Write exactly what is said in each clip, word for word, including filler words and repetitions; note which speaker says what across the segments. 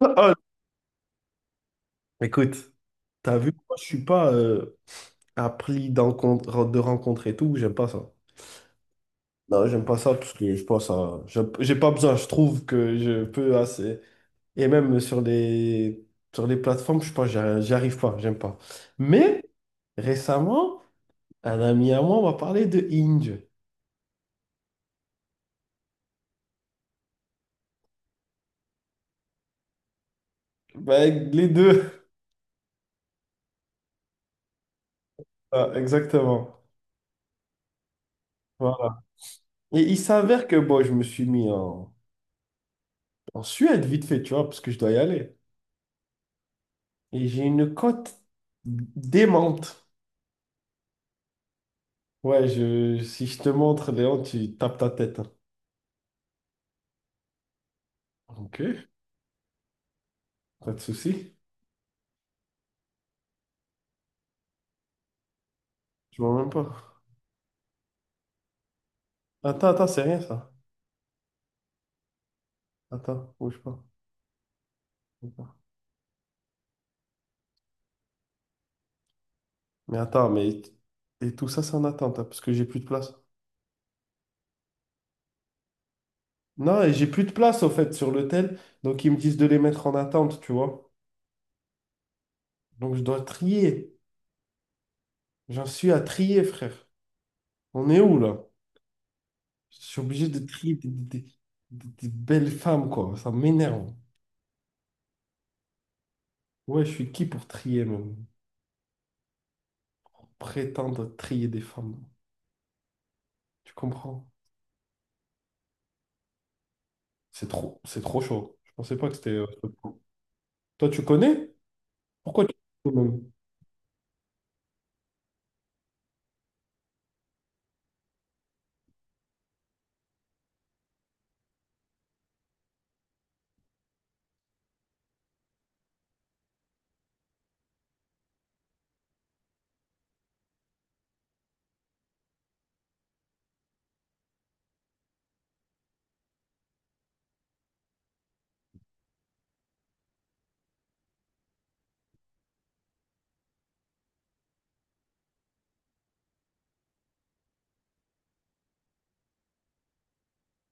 Speaker 1: Ah, écoute, t'as vu, moi, je suis pas euh, appris d'encontre- de rencontres et tout, j'aime pas ça. Non, j'aime pas ça parce que je pense à... J'ai j'ai pas besoin, je trouve que je peux assez... Et même sur les, sur les plateformes, je sais pas, j'arri- j'y arrive pas, j'aime pas. Mais récemment, un ami à moi m'a parlé de Hinge. Ben, les deux. Ah, exactement. Voilà. Et il s'avère que bon, je me suis mis en, en Suède vite fait, tu vois, parce que je dois y aller. Et j'ai une cote démente. Ouais, je, si je te montre, Léon, tu tapes ta tête, hein. Ok. Pas de souci. Je vois même pas. Attends, attends, c'est rien ça. Attends, bouge pas. Bouge pas. Mais attends, mais. Et tout ça, c'est en attente, hein, parce que j'ai plus de place. Non, et j'ai plus de place, au fait, sur l'hôtel. Donc, ils me disent de les mettre en attente, tu vois. Donc, je dois trier. J'en suis à trier, frère. On est où, là? Je suis obligé de trier des, des- des- des- des belles femmes, quoi. Ça m'énerve. Ouais, je suis qui pour trier, même? Prétendre trier des femmes. Tu comprends? C'est trop, c'est trop chaud. Je pensais pas que c'était, euh, ce point. Toi, tu connais? Pourquoi tu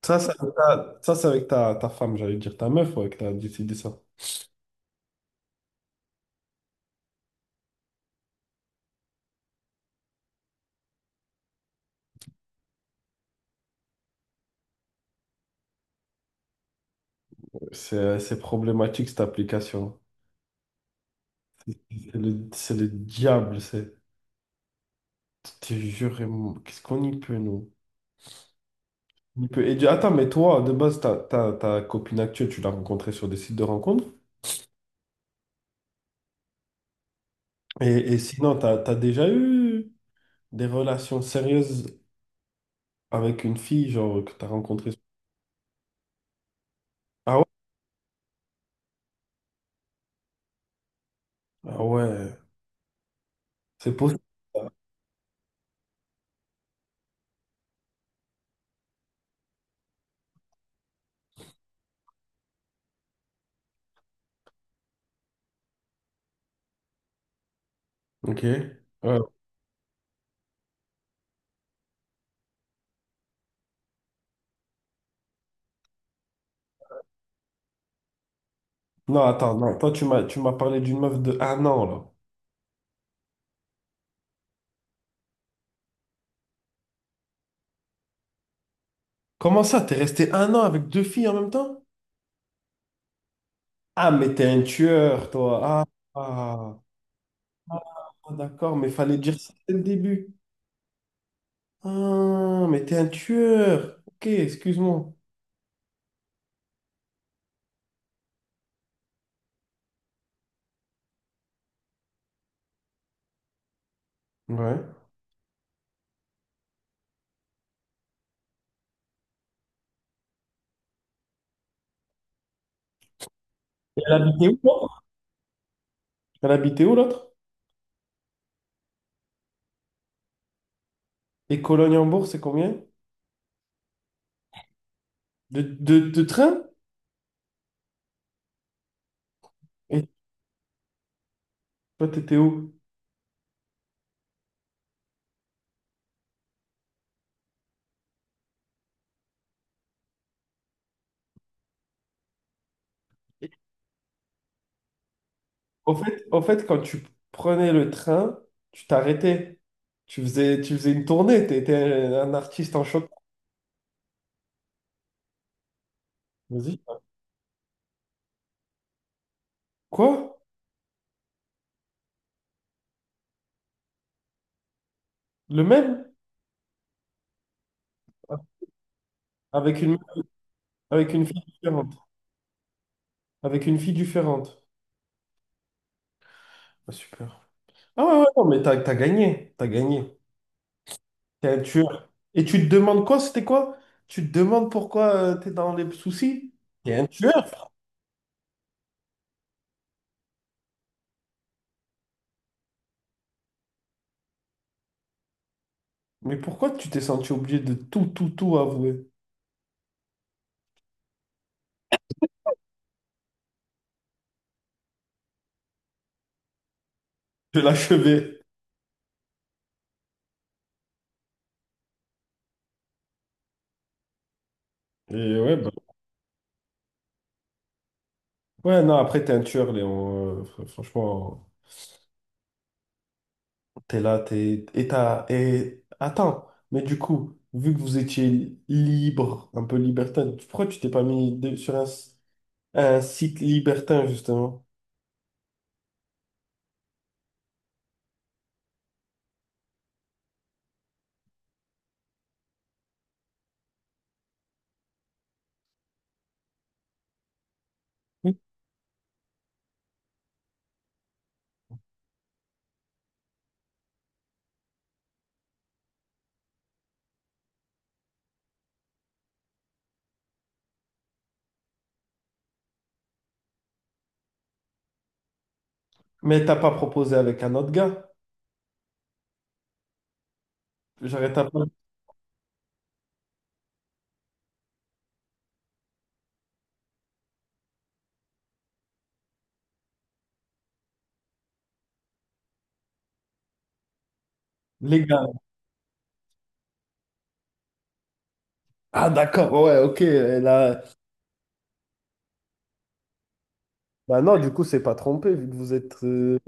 Speaker 1: ça, c'est avec ta, ça, c'est avec ta, ta femme, j'allais dire ta meuf, ouais, que t'as décidé ça. C'est, c'est problématique cette application. C'est le, c'est le diable, c'est. Je te jure, et mon- qu'est-ce qu'on y peut, nous? On y peut. Et, du- attends, mais toi, de base, ta, ta, ta copine actuelle, tu l'as rencontrée sur des sites de rencontres? Et, et sinon, t'as, t'as déjà eu des relations sérieuses avec une fille, genre, que t'as rencontrée. Ah ouais? Ah ouais, c'est possible. Ça. Ok. Ouais. Non, attends, non. Toi, tu m'as, tu m'as parlé d'une meuf de un an, là. Comment ça? T'es resté un an avec deux filles en même temps? Ah, mais t'es un tueur, toi. Ah, ah. Ah, d'accord, mais fallait dire ça dès le début. Ah, mais t'es un tueur. Ok, excuse-moi. Ouais. Et elle habitait où, l'autre? Elle habitait où, l'autre? Et Cologne-Hambourg, c'est combien? De, de, de train? Et toi, t'étais où? Au fait, au fait, quand tu prenais le train, tu t'arrêtais. Tu faisais, tu faisais une tournée. Tu étais un artiste en choc. Vas-y. Quoi? Le même? Avec une, avec une fille différente. Avec une fille différente. Ah, super. Ah ouais, ouais, non, mais t'as, t'as gagné. T'as gagné. T'es un tueur. Et tu te demandes quoi? C'était quoi? Tu te demandes pourquoi euh, t'es dans les soucis? T'es un tueur. Mais pourquoi tu t'es senti obligé de tout, tout, tout avouer? De l'achever. Et ouais, bah, ouais, non, après, t'es un tueur, Léon. Euh, fr- franchement, t'es là, t'es... Et t'as... Et... Attends, mais du coup, vu que vous étiez libre, un peu libertin, pourquoi tu t'es pas mis de- sur un, s- un site libertin, justement? Oui. Mais t'as pas proposé avec un autre gars? J'arrête un peu. Les gars. Ah, d'accord, ouais, ok, et là... Bah non, du coup, c'est pas trompé, vu que vous êtes... euh,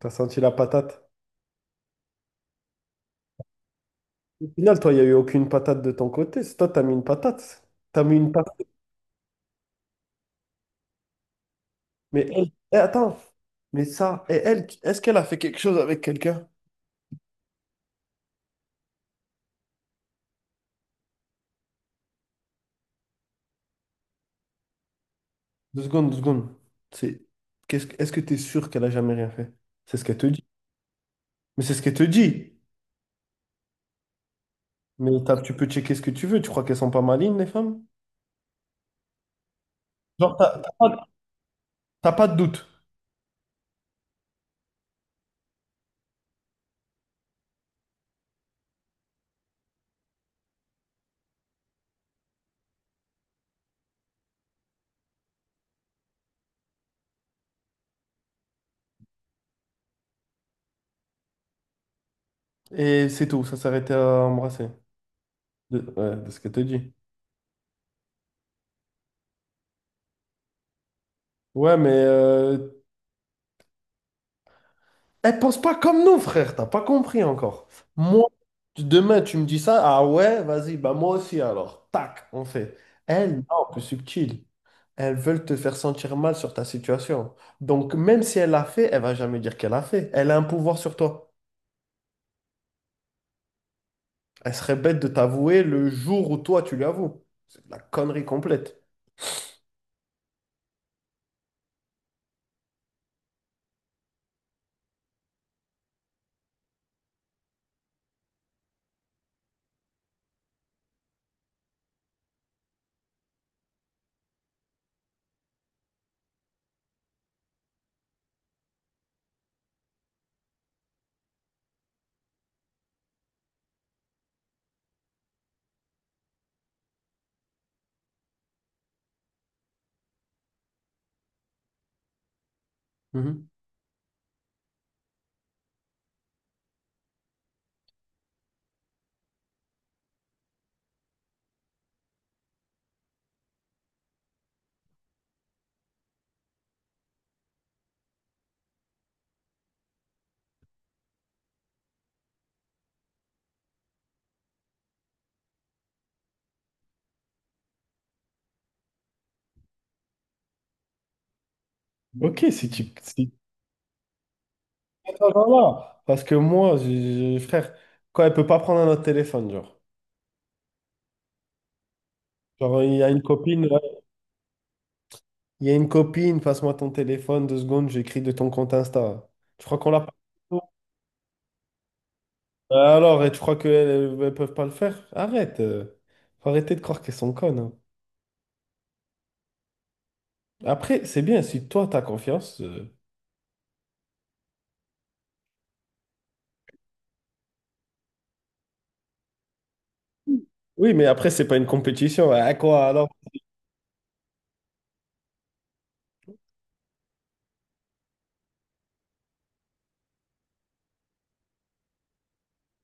Speaker 1: T'as senti la patate. Au final, toi, il n'y a eu aucune patate de ton côté. C'est toi, t'as mis une patate. T'as mis une patate. Mais elle, eh, attends, mais ça, et elle, est-ce qu'elle a fait quelque chose avec quelqu'un? Deux secondes, deux secondes. C'est, qu'est-ce, que- est-ce que tu es sûr qu'elle a jamais rien fait? C'est ce qu'elle te dit. Mais c'est ce qu'elle te dit. Mais t'as- tu peux checker ce que tu veux. Tu crois qu'elles sont pas malines, les femmes? Genre, t'as t'as pas, t'as pas de doute. Et c'est tout, ça s'arrêtait à embrasser. De, ouais, de ce qu'elle te dit. Ouais, mais euh, elle pense pas comme nous, frère, t'as pas compris encore. Moi, tu- demain, tu me dis ça, ah ouais, vas-y, bah moi aussi alors. Tac, on fait. Elles, non, plus subtil. Elles veulent te faire sentir mal sur ta situation. Donc, même si elle l'a fait, elle va jamais dire qu'elle l'a fait. Elle a un pouvoir sur toi. Elle serait bête de t'avouer le jour où toi, tu lui avoues. C'est de la connerie complète. Mhm. Ok, si tu... si- attends, attends, là. Parce que moi, j'ai- j'ai- frère, quand elle peut pas prendre un autre téléphone, genre. Genre, il y a une copine... Il y a une copine, passe-moi ton téléphone, deux secondes, j'écris de ton compte Insta. Tu crois qu'on l'a pas? Alors, et tu crois qu'elles ne peuvent pas le faire? Arrête. euh. Faut arrêter de croire qu'elles sont connes, hein. Après, c'est bien, si toi, t'as confiance. euh, Oui, mais après, c'est pas une compétition. À quoi alors?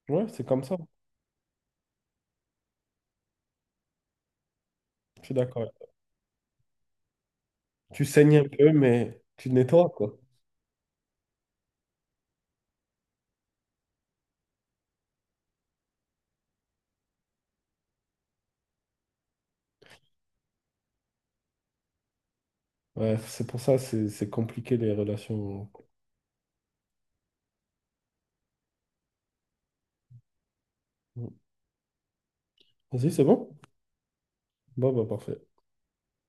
Speaker 1: Ouais, c'est comme ça. Je suis d'accord. Tu saignes un peu, mais tu te nettoies, quoi. Ouais, c'est pour ça, c'est c'est compliqué les relations. Vas-y, c'est bon? Bon, bah, parfait.